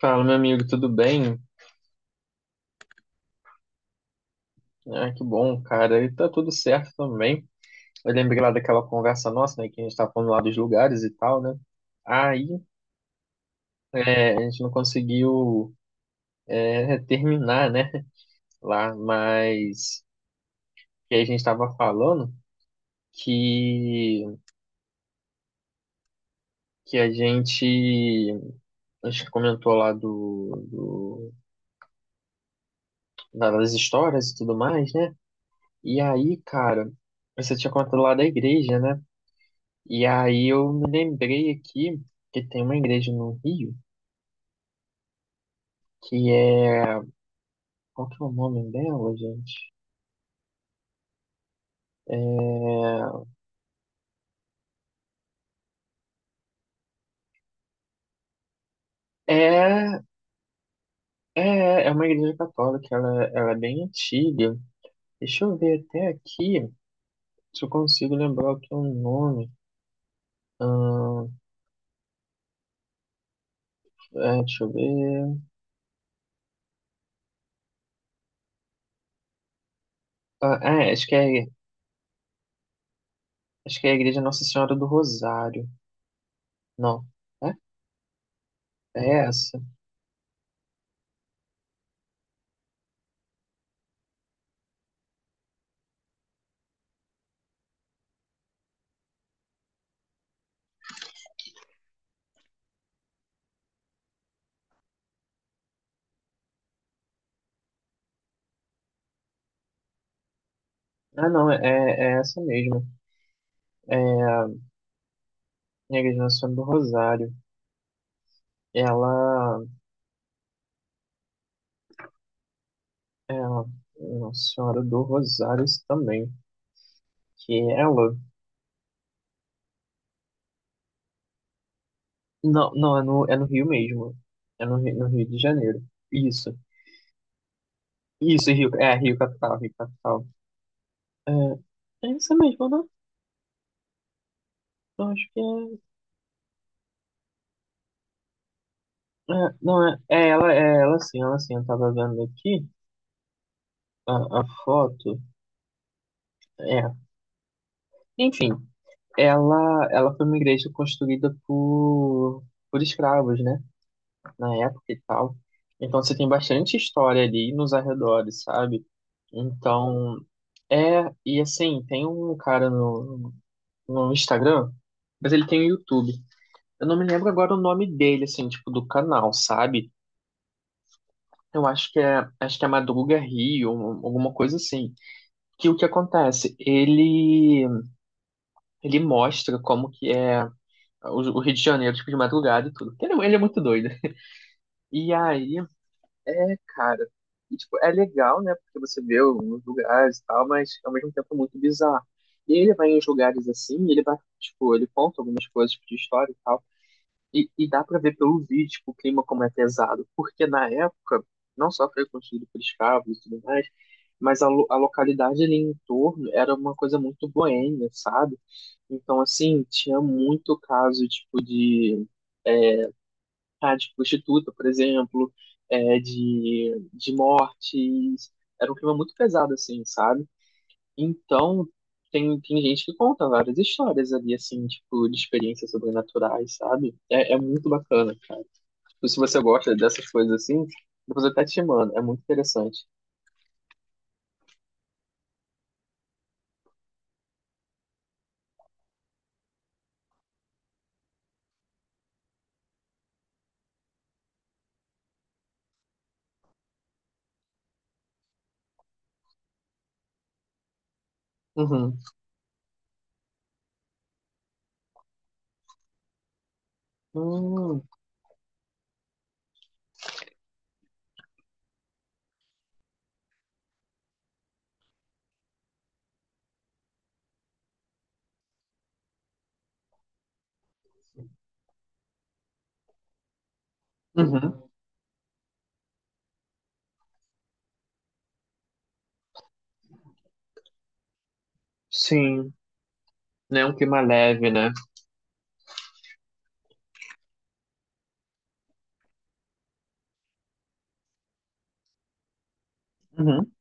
Fala, meu amigo, tudo bem? Ah, que bom, cara. E tá tudo certo também. Eu lembrei lá daquela conversa nossa, né, que a gente tava falando lá dos lugares e tal, né? Aí, a gente não conseguiu, terminar, né, lá, mas que a gente tava falando que, que a gente comentou lá das histórias e tudo mais, né? E aí, cara, você tinha contado lá da igreja, né? E aí eu me lembrei aqui que tem uma igreja no Rio que é. Qual que é o nome dela, gente? É, é, é uma igreja católica, ela é bem antiga. Deixa eu ver até aqui se eu consigo lembrar o que é o nome. Ahn, deixa eu ver. Ah, acho que é a Igreja Nossa Senhora do Rosário. Não. É, é essa. Ah, não, é essa mesmo. É a Igreja Nossa Senhora do Rosário. Ela Ela, Nossa Senhora do Rosários também. Que é ela. Não, não, é no Rio mesmo. No Rio de Janeiro. Isso. Isso, Rio. É, Rio Capital, Rio Capital. É, é isso mesmo, né? Eu acho que é. É, não, é, é ela, ela sim. Eu tava vendo aqui a, a foto. É. Enfim, ela foi uma igreja construída por escravos, né, na época e tal. Então você tem bastante história ali nos arredores, sabe? Então, é, e assim, tem um cara no Instagram, mas ele tem o YouTube. Eu não me lembro agora o nome dele, assim, tipo, do canal, sabe? Eu acho que é Madruga Rio, um, alguma coisa assim. Que o que acontece? Ele mostra como que é o Rio de Janeiro, tipo, de madrugada e tudo. Ele é muito doido. E aí, é, cara. E, tipo, é legal, né? Porque você vê os lugares e tal, mas ao mesmo tempo é muito bizarro. E ele vai em uns lugares assim, e ele vai, tipo, ele conta algumas coisas tipo, de história e tal. E dá pra ver pelo vídeo, tipo, o clima como é pesado. Porque na época, não só foi construído por escravos e tudo mais, mas a localidade ali em torno era uma coisa muito boêmia, sabe? Então, assim, tinha muito caso, tipo, de tá, de prostituta, por exemplo, é, de mortes. Era um clima muito pesado, assim, sabe? Então, tem gente que conta várias histórias ali, assim, tipo, de experiências sobrenaturais, sabe? É, é muito bacana, cara. Tipo, se você gosta dessas coisas assim, depois eu até te mando. É muito interessante. Uhum. Hum, uhum. Sim. Né? Um clima leve, né? Uhum.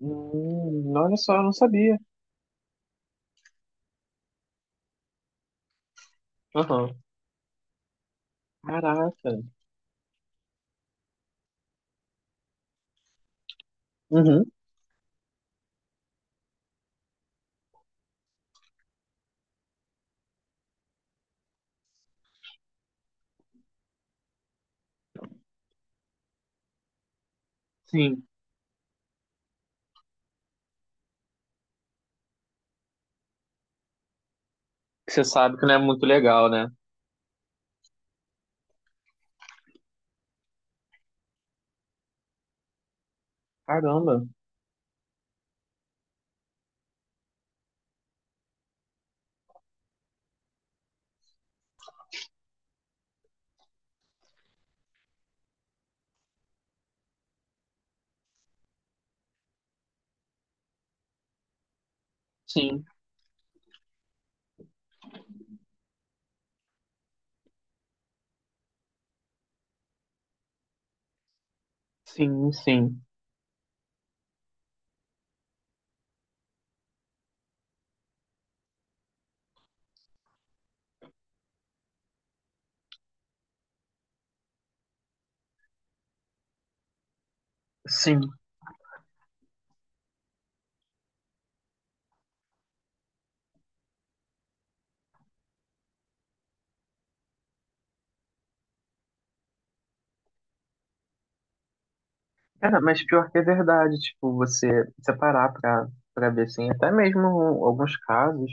Olha só, eu não sabia. Aham. Caraca. Uhum. Sim. Que você sabe que não é muito legal, né? Caramba. Sim, sim, sim, sim. Cara, mas pior que é verdade, tipo, você separar pra ver, assim, até mesmo alguns casos,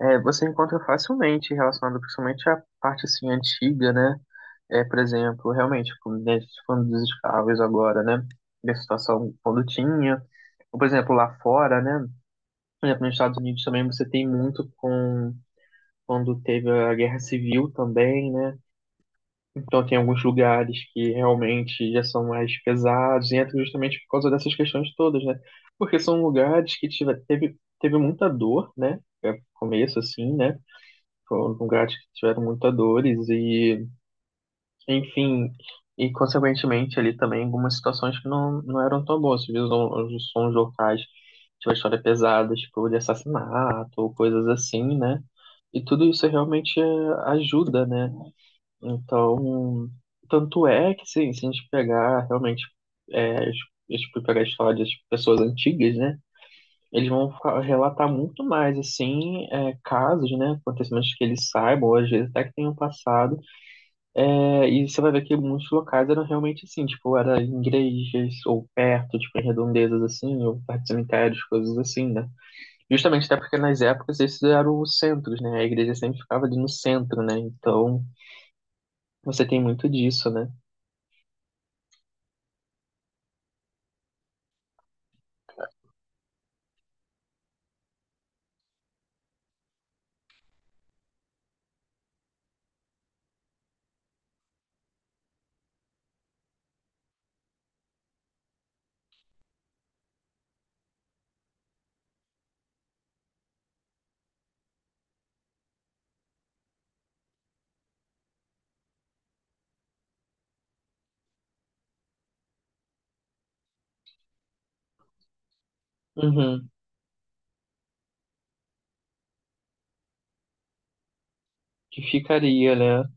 é, você encontra facilmente relacionado principalmente à parte, assim, antiga, né? É, por exemplo, realmente, como né, falando dos escravos agora, né? Da situação quando tinha. Ou, por exemplo, lá fora, né? Por exemplo, nos Estados Unidos também você tem muito com quando teve a Guerra Civil também, né? Então, tem alguns lugares que realmente já são mais pesados, e entra justamente por causa dessas questões todas, né? Porque são lugares que teve muita dor, né? É o começo, assim, né? Foram lugares que tiveram muita dores, e, enfim, e consequentemente ali também algumas situações que não eram tão boas. Você viu os sons locais, tinha uma história pesada, tipo de assassinato ou coisas assim, né? E tudo isso realmente é, ajuda, né? Então, tanto é que sim, se a gente pegar realmente, é, a gente pegar a história das pessoas antigas, né? Eles vão relatar muito mais, assim, é, casos, né? Acontecimentos que eles saibam, ou às vezes até que tenham passado. É, e você vai ver que muitos locais eram realmente assim, tipo, era em igrejas, ou perto, tipo, em redondezas, assim, ou perto de cemitérios, coisas assim, né? Justamente até porque nas épocas esses eram os centros, né? A igreja sempre ficava ali no centro, né? Então, você tem muito disso, né? Uhum, que ficaria, né?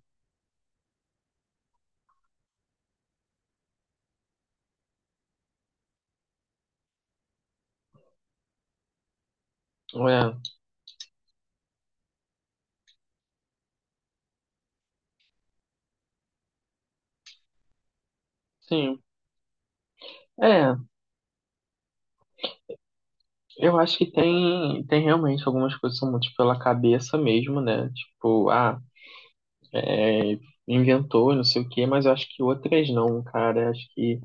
É, sim. É, eu acho que tem, tem realmente algumas coisas que são muito pela cabeça mesmo, né? Tipo, ah, é, inventou, não sei o quê, mas eu acho que outras não, cara. Eu acho que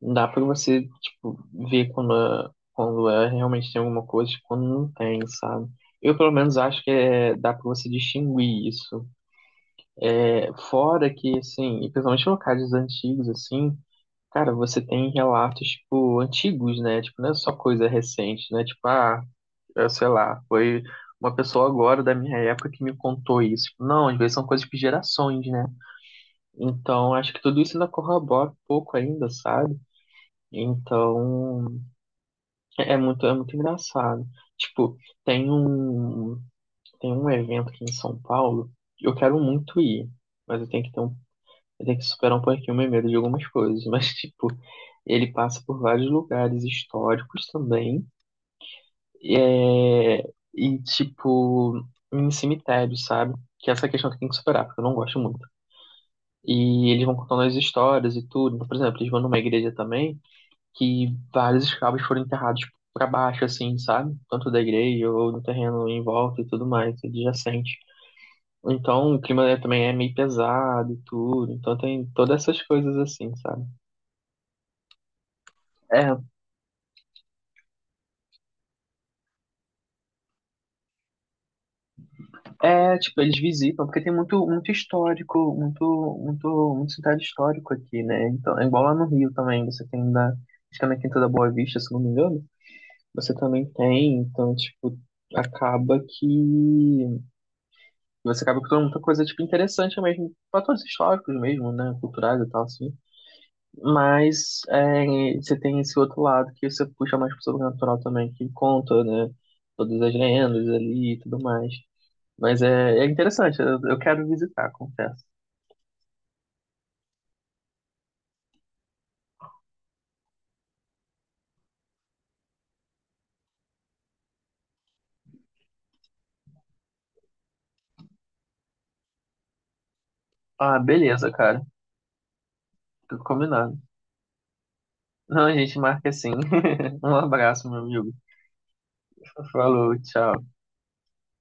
não dá pra você, tipo, ver quando é, realmente tem alguma coisa e quando não tem, sabe? Eu, pelo menos, acho que é, dá pra você distinguir isso. É, fora que, assim, e principalmente locais antigos, assim. Cara, você tem relatos, tipo, antigos, né? Tipo, não é só coisa recente, né? Tipo, ah, eu sei lá, foi uma pessoa agora da minha época que me contou isso. Tipo, não, às vezes são coisas de gerações, né? Então, acho que tudo isso ainda corrobora um pouco ainda, sabe? Então, é muito engraçado. Tipo, tem um, tem um evento aqui em São Paulo, que eu quero muito ir, mas eu tenho que ter um ele tem que superar um pouquinho o meu medo de algumas coisas, mas, tipo, ele passa por vários lugares históricos também, e, é, e tipo, em cemitérios, sabe? Que é essa questão que tem que superar, porque eu não gosto muito. E eles vão contando as histórias e tudo. Então, por exemplo, eles vão numa igreja também que vários escravos foram enterrados pra baixo, assim, sabe? Tanto da igreja ou no terreno em volta e tudo mais, adjacente. Então, o clima também é meio pesado e tudo. Então, tem todas essas coisas assim, sabe? É, é, tipo, eles visitam, porque tem muito, muito histórico, muito cidade histórico aqui, né? Então, é igual lá no Rio também, você tem da, acho que é na Quinta da Boa Vista, se não me engano, você também tem, então, tipo, acaba que você acaba com muita coisa, tipo, interessante mesmo, fatores históricos mesmo, né? Culturais e tal, assim. Mas é, você tem esse outro lado que você puxa mais pro sobrenatural também, que conta, né? Todas as lendas ali e tudo mais. Mas é, é interessante, eu quero visitar, confesso. Ah, beleza, cara. Tudo combinado. Não, a gente marca assim. Um abraço, meu amigo. Falou, tchau.